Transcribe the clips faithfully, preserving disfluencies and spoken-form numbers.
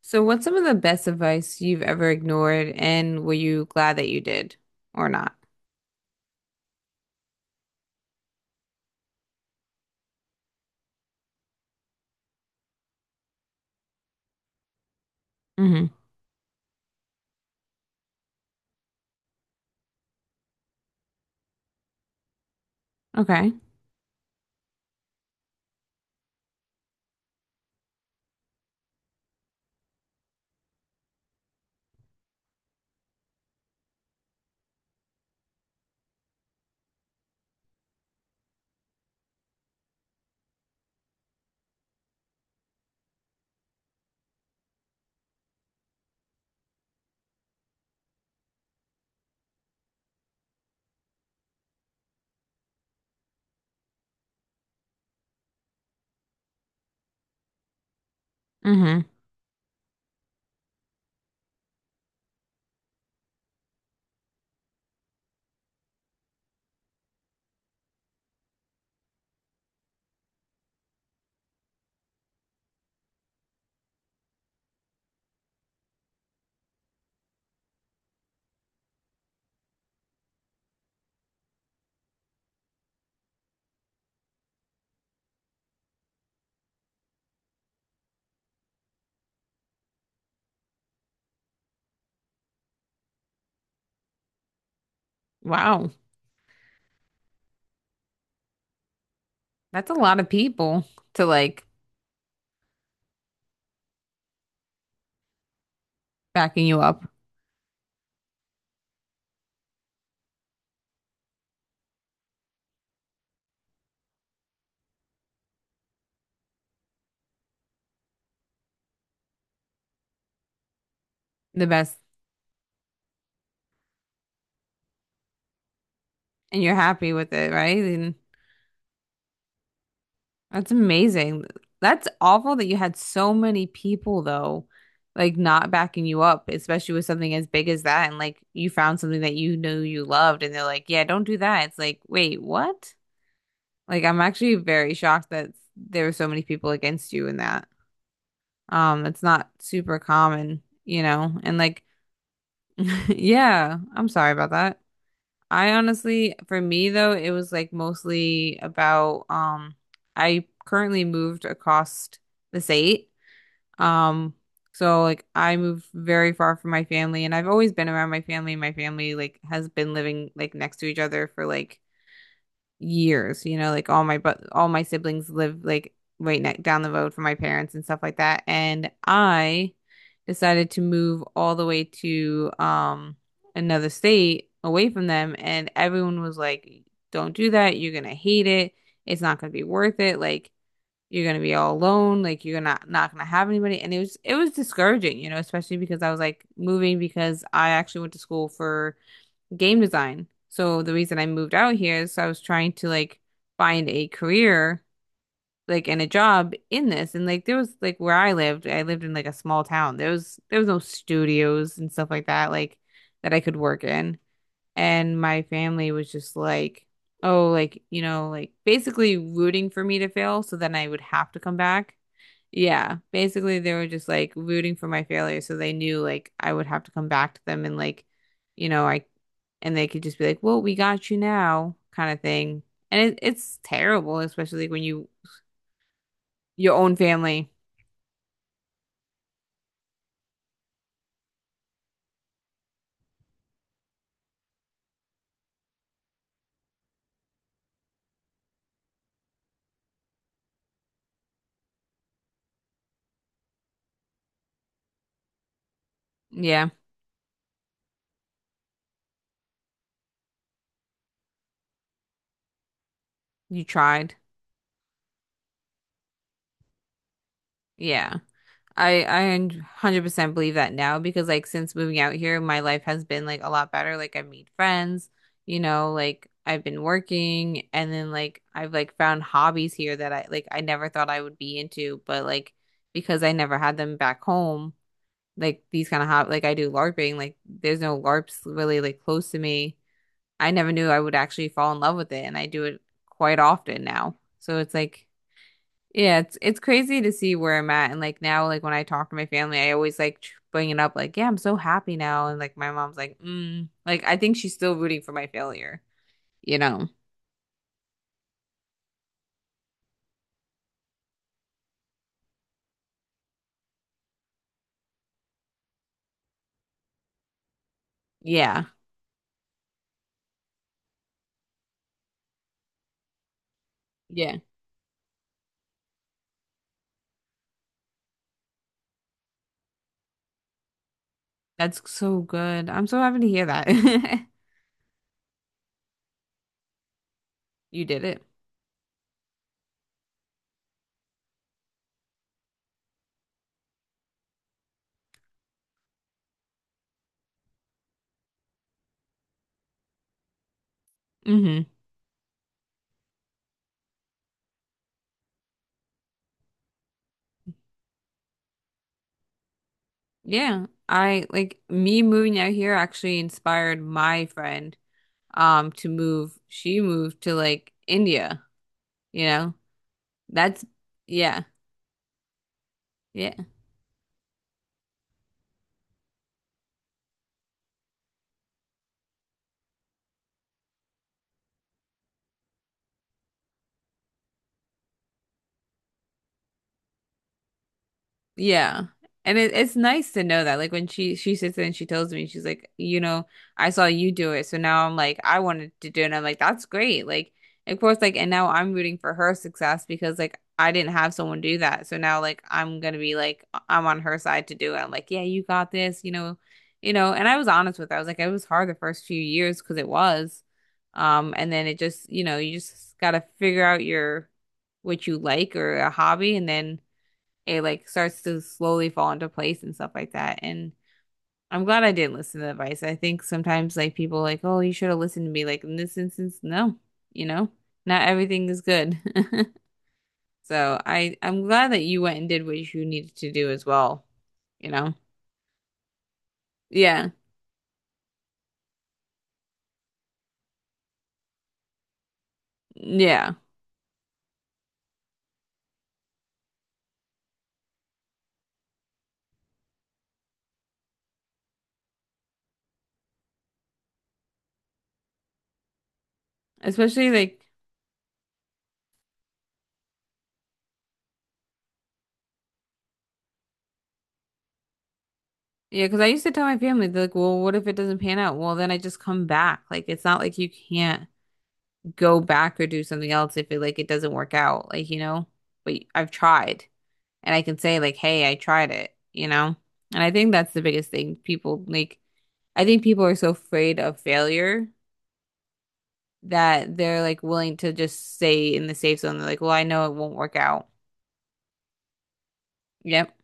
So, what's some of the best advice you've ever ignored, and were you glad that you did or not? Hmm. Okay. Hmm. Wow. That's a lot of people to like backing you up the best, and you're happy with it, right? And that's amazing. That's awful that you had so many people though, like not backing you up, especially with something as big as that, and like you found something that you knew you loved, and they're like, "Yeah, don't do that." It's like, wait, what? Like I'm actually very shocked that there were so many people against you in that. Um, it's not super common, you know. And like yeah, I'm sorry about that. I honestly, for me though, it was like mostly about um I currently moved across the state. Um, so like I moved very far from my family and I've always been around my family. My family like has been living like next to each other for like years, you know, like all my but all my siblings live like right next down the road from my parents and stuff like that. And I decided to move all the way to um another state away from them and everyone was like, "Don't do that. You're gonna hate it. It's not gonna be worth it." Like you're gonna be all alone, like you're not not gonna have anybody, and it was it was discouraging, you know, especially because I was like moving because I actually went to school for game design. So the reason I moved out here is I was trying to like find a career like and a job in this and like there was like where I lived, I lived in like a small town. There was there was no studios and stuff like that like that I could work in. And my family was just like, oh, like, you know, like basically rooting for me to fail so then I would have to come back. Yeah, basically they were just like rooting for my failure, so they knew like I would have to come back to them and like, you know, I and they could just be like, "Well, we got you now," kind of thing. And it, it's terrible, especially when you your own family. Yeah, you tried. Yeah. I I one hundred percent believe that now because like since moving out here, my life has been like a lot better. Like I've made friends, you know, like I've been working and then like I've like found hobbies here that I like I never thought I would be into, but like because I never had them back home, like these kind of hob like I do LARPing, like there's no LARPs really like close to me. I never knew I would actually fall in love with it and I do it quite often now. So it's like yeah, it's it's crazy to see where I'm at and like now like when I talk to my family, I always like tr- bring it up like, yeah, I'm so happy now and like my mom's like, mm. Like I think she's still rooting for my failure, you know. Yeah. Yeah. That's so good. I'm so happy to hear that. You did it. Hmm. Yeah. I like me moving out here actually inspired my friend um to move. She moved to like India, you know. That's yeah. Yeah. Yeah. And it, it's nice to know that. Like when she she sits there and she tells me, she's like, you know, I saw you do it. So now I'm like, I wanted to do it. And I'm like, that's great. Like, of course, like, and now I'm rooting for her success because like I didn't have someone do that. So now like I'm gonna be like I'm on her side to do it. I'm like, yeah, you got this, you know, you know. And I was honest with her. I was like, it was hard the first few years because it was. Um, and then it just, you know, you just gotta figure out your what you like or a hobby and then it like starts to slowly fall into place and stuff like that. And I'm glad I didn't listen to the advice. I think sometimes like people are like, oh, you should have listened to me. Like in this instance, no, you know, not everything is good. So I I'm glad that you went and did what you needed to do as well, you know? Yeah. Yeah. Especially like yeah, because I used to tell my family they're like, well, what if it doesn't pan out? Well, then I just come back. Like it's not like you can't go back or do something else if it like it doesn't work out, like you know. But I've tried, and I can say like, hey, I tried it, you know? And I think that's the biggest thing. People like I think people are so afraid of failure that they're like willing to just stay in the safe zone. They're like, well, I know it won't work out. Yep,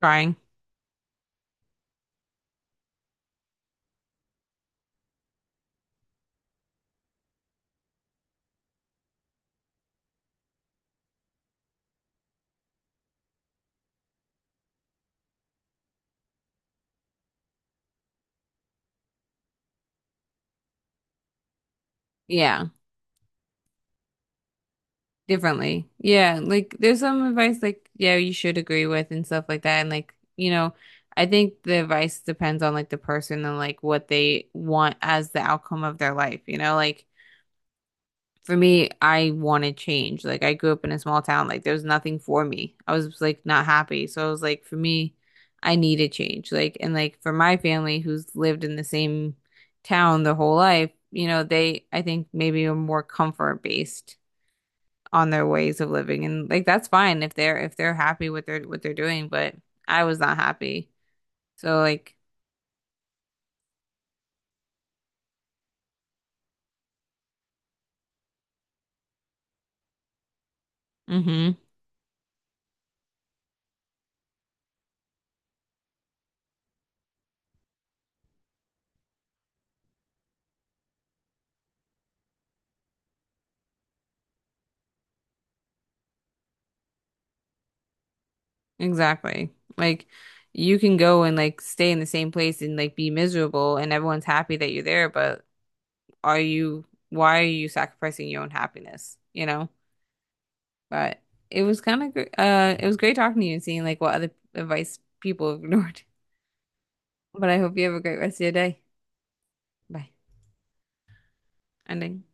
trying. Yeah, differently. Yeah, like there's some advice like yeah, you should agree with and stuff like that and like, you know, I think the advice depends on like the person and like what they want as the outcome of their life, you know? Like for me, I wanted change. Like I grew up in a small town. Like there was nothing for me. I was like not happy. So I was like, for me, I needed change. Like and like for my family who's lived in the same town their whole life, you know, they I think maybe are more comfort based on their ways of living. And like that's fine if they're if they're happy with their what they're doing, but I was not happy. So like, mm-hmm. Exactly. Like you can go and like stay in the same place and like be miserable and everyone's happy that you're there, but are you why are you sacrificing your own happiness, you know? But it was kind of gr- uh it was great talking to you and seeing like what other advice people ignored. But I hope you have a great rest of your day. Bye. Ending.